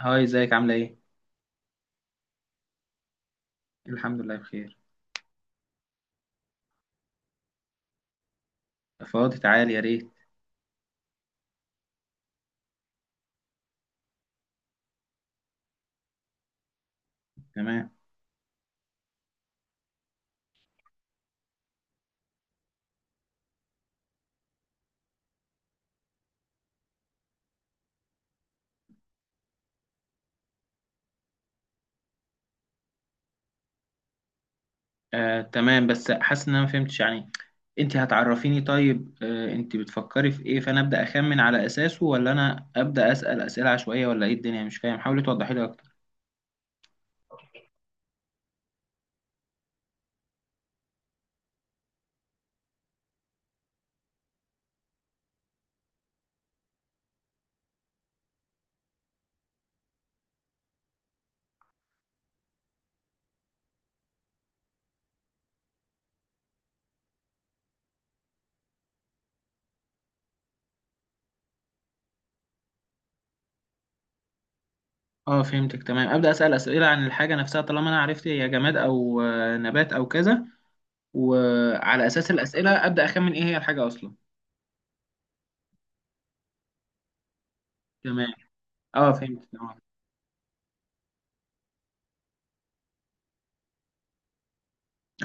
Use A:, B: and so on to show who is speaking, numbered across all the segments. A: هاي ازيك عاملة ايه؟ الحمد لله بخير. فاضي تعالي يا ريت. تمام. تمام بس حاسس ان انا ما فهمتش يعني. انت هتعرفيني طيب، آه انت بتفكري في ايه؟ فانا ابدا اخمن على اساسه ولا انا ابدا اسال اسئله عشوائيه ولا ايه الدنيا؟ مش فاهم، حاولي توضحي لي اكتر. اه فهمتك تمام، ابدا اسال اسئله عن الحاجه نفسها طالما انا عرفت هي جماد او نبات او كذا، وعلى اساس الاسئله ابدا اخمن ايه هي الحاجه اصلا. تمام. اه فهمت تمام.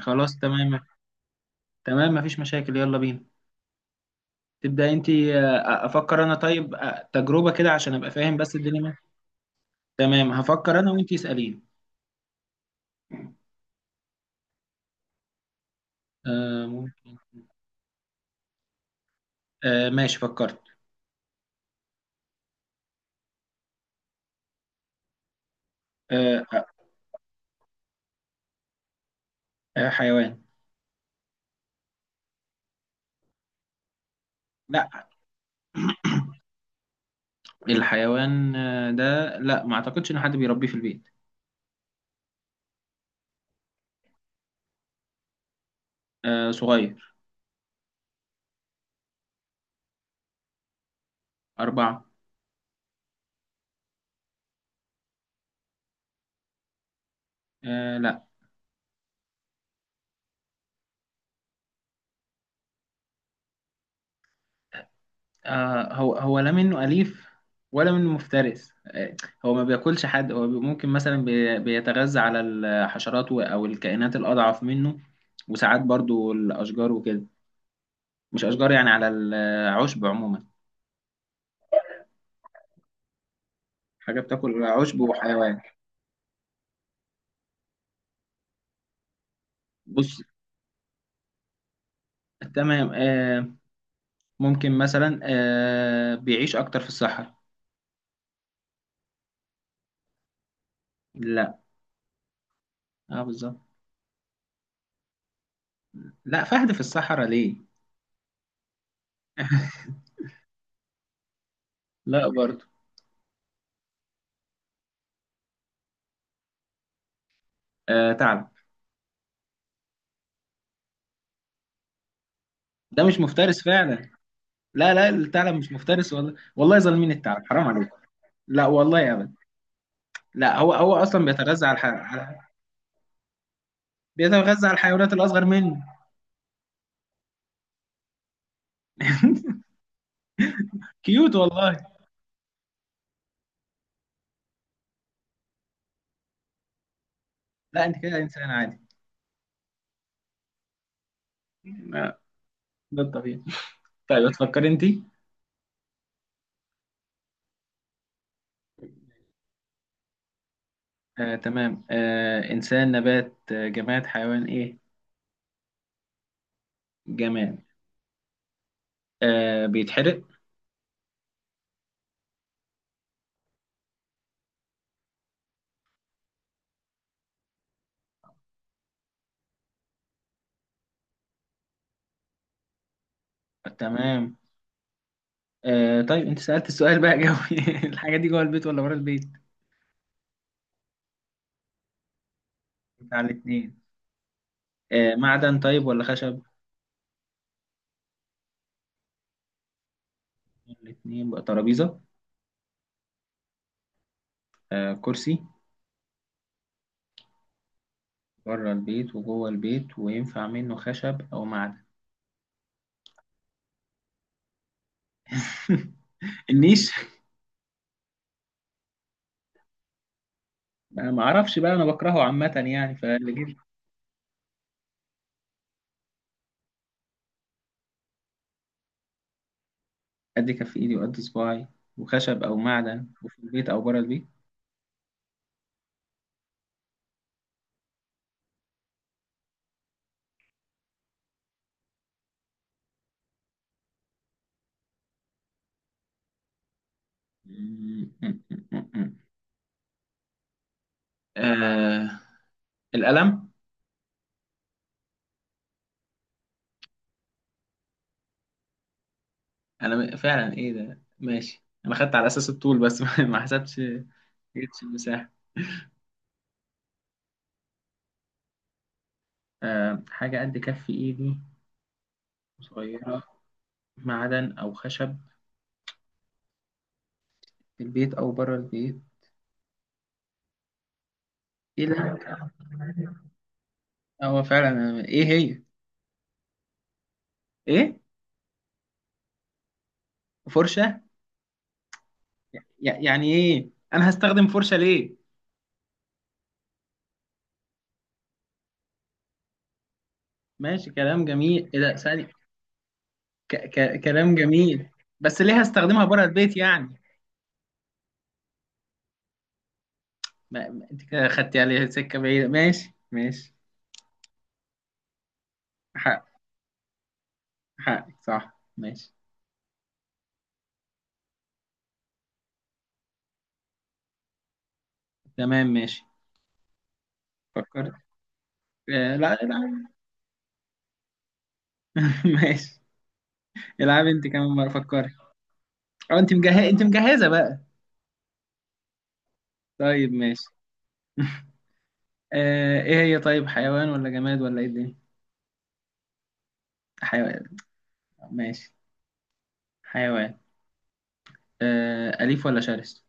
A: خلاص تمام. تمام مفيش مشاكل، يلا بينا. تبدأ انت، افكر انا طيب، تجربة كده عشان ابقى فاهم بس الدنيا ماشية. تمام هفكر انا، وانت اسأليني. ممكن. ماشي فكرت. آه، آه، حيوان. لا الحيوان ده، لا ما اعتقدش ان حد بيربيه في البيت. صغير. أربعة. لا. هو لا منه أليف ولا منه مفترس. هو ما بياكلش حد، هو ممكن مثلا بيتغذى على الحشرات او الكائنات الأضعف منه، وساعات برضو الأشجار وكده، مش أشجار يعني، على العشب عموما. حاجة بتاكل عشب وحيوان. بص تمام. آه ممكن مثلا آه بيعيش أكتر في الصحراء. لا. اه بالظبط. لا فهد في الصحراء ليه؟ لا برضه. آه ثعلب. ده مش مفترس فعلا. لا لا الثعلب مش مفترس، والله ظالمين الثعلب، حرام عليك. لا والله ابدا. لا هو اصلا بيتغذى على، على بيتغذى على الحيوانات الاصغر منه. كيوت والله. لا انت كده انسان عادي. لا ده الطبيعي. طيب تفكر انت. آه تمام، آه إنسان نبات آه جماد حيوان إيه؟ جماد. آه بيتحرق. تمام. آه طيب أنت سألت السؤال بقى جوي. الحاجة دي جوه البيت ولا بره البيت؟ بتاع الاتنين. آه معدن طيب ولا خشب؟ الاتنين بقى ترابيزة. آه كرسي. بره البيت وجوه البيت وينفع منه خشب أو معدن. النيش. أنا ما أعرفش بقى، أنا بكرهه عامة يعني فاللي جيب. قد كف إيدي وقد صباعي، وخشب أو معدن، وفي البيت أو بره البيت. آه القلم. فعلا ايه ده، ماشي انا خدت على اساس الطول بس، ما حسبتش ما جبتش المساحه. آه حاجه قد كف ايدي، صغيره، معدن او خشب، في البيت او بره البيت. ايه ده، هو فعلا ايه هي؟ ايه فرشه؟ يعني ايه انا هستخدم فرشه ليه؟ ماشي كلام جميل، ايه ده ثاني؟ ك ك كلام جميل. بس ليه هستخدمها بره البيت يعني؟ انت كده خدتي عليها سكه بعيده، ماشي ماشي. ح- حقك صح ماشي. تمام ماشي فكرت. آه لا لا. ماشي. العب انت كمان مرة فكري. اه انت مجهزة انت مجهزة بقى. طيب ماشي. آه ايه هي طيب، حيوان ولا جماد ولا ايه الدنيا؟ حيوان. ماشي. حيوان. آه أليف ولا شرس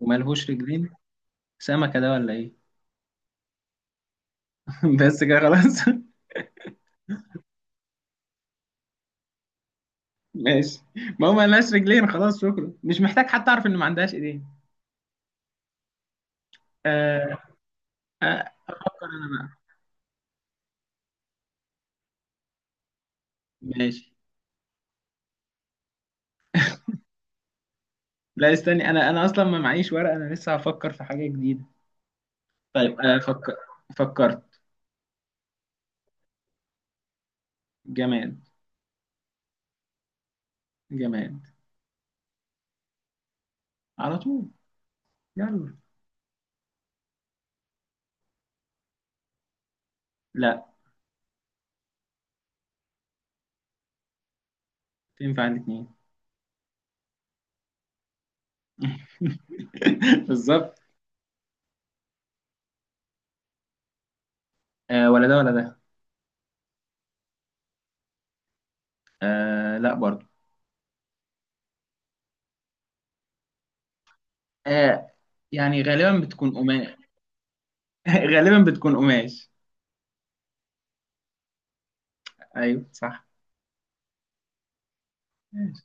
A: وملهوش رجلين؟ سمكة ده ولا ايه؟ بس كده خلاص. ماشي. ما هو ملهاش رجلين خلاص، شكرا، مش محتاج حتى اعرف ان ما عندهاش ايدين. آه آه، افكر انا بقى. ماشي لا استني، انا اصلا ما معيش ورقه، انا لسه هفكر في حاجه جديده. طيب انا فكر. فكرت. جماد. جماد. على طول. يلا. لا. تنفع الاثنين. بالظبط. آه ولا ده ولا ده. آه لا برضو. آه يعني غالبا بتكون قماش. غالبا بتكون قماش. ايوه صح. ماشي.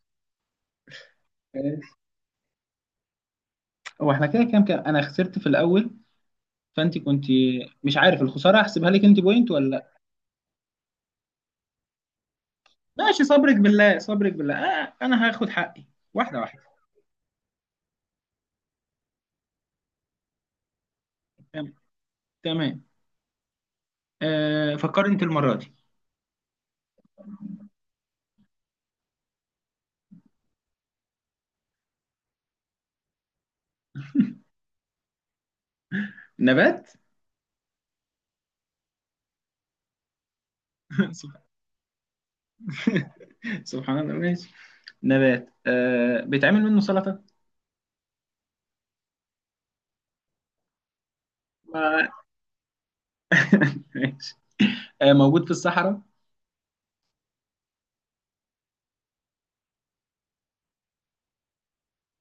A: هو احنا كده كام كام؟ انا خسرت في الاول فانت كنت، مش عارف الخساره هحسبها لك انت بوينت ولا لا. ماشي صبرك بالله صبرك بالله. آه انا هاخد حقي واحده واحده. تمام. آه فكر انت المرة دي. نبات. سبحان. سبحان الله ماشي. نبات آه بيتعمل منه سلطة. ما- ماشي. آه موجود في الصحراء.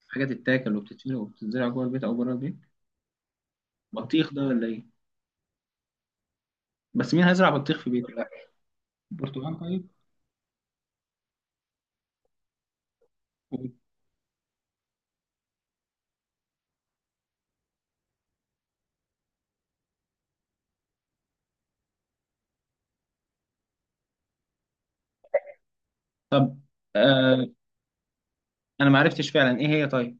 A: حاجة تتاكل وبتتشرب وبتتزرع جوه البيت أو بره البيت. بطيخ ده ولا إيه؟ بس مين هيزرع بطيخ في بيته؟ لا. برتقال. طيب. طب آه أنا ما عرفتش فعلا إيه هي طيب.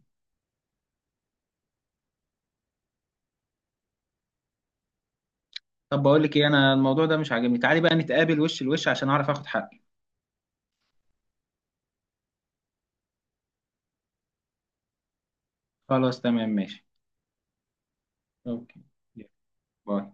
A: طب بقول لك إيه، أنا الموضوع ده مش عاجبني، تعالي بقى نتقابل وش لوش عشان أعرف آخد حقي. خلاص تمام ماشي. أوكي. يلا، باي.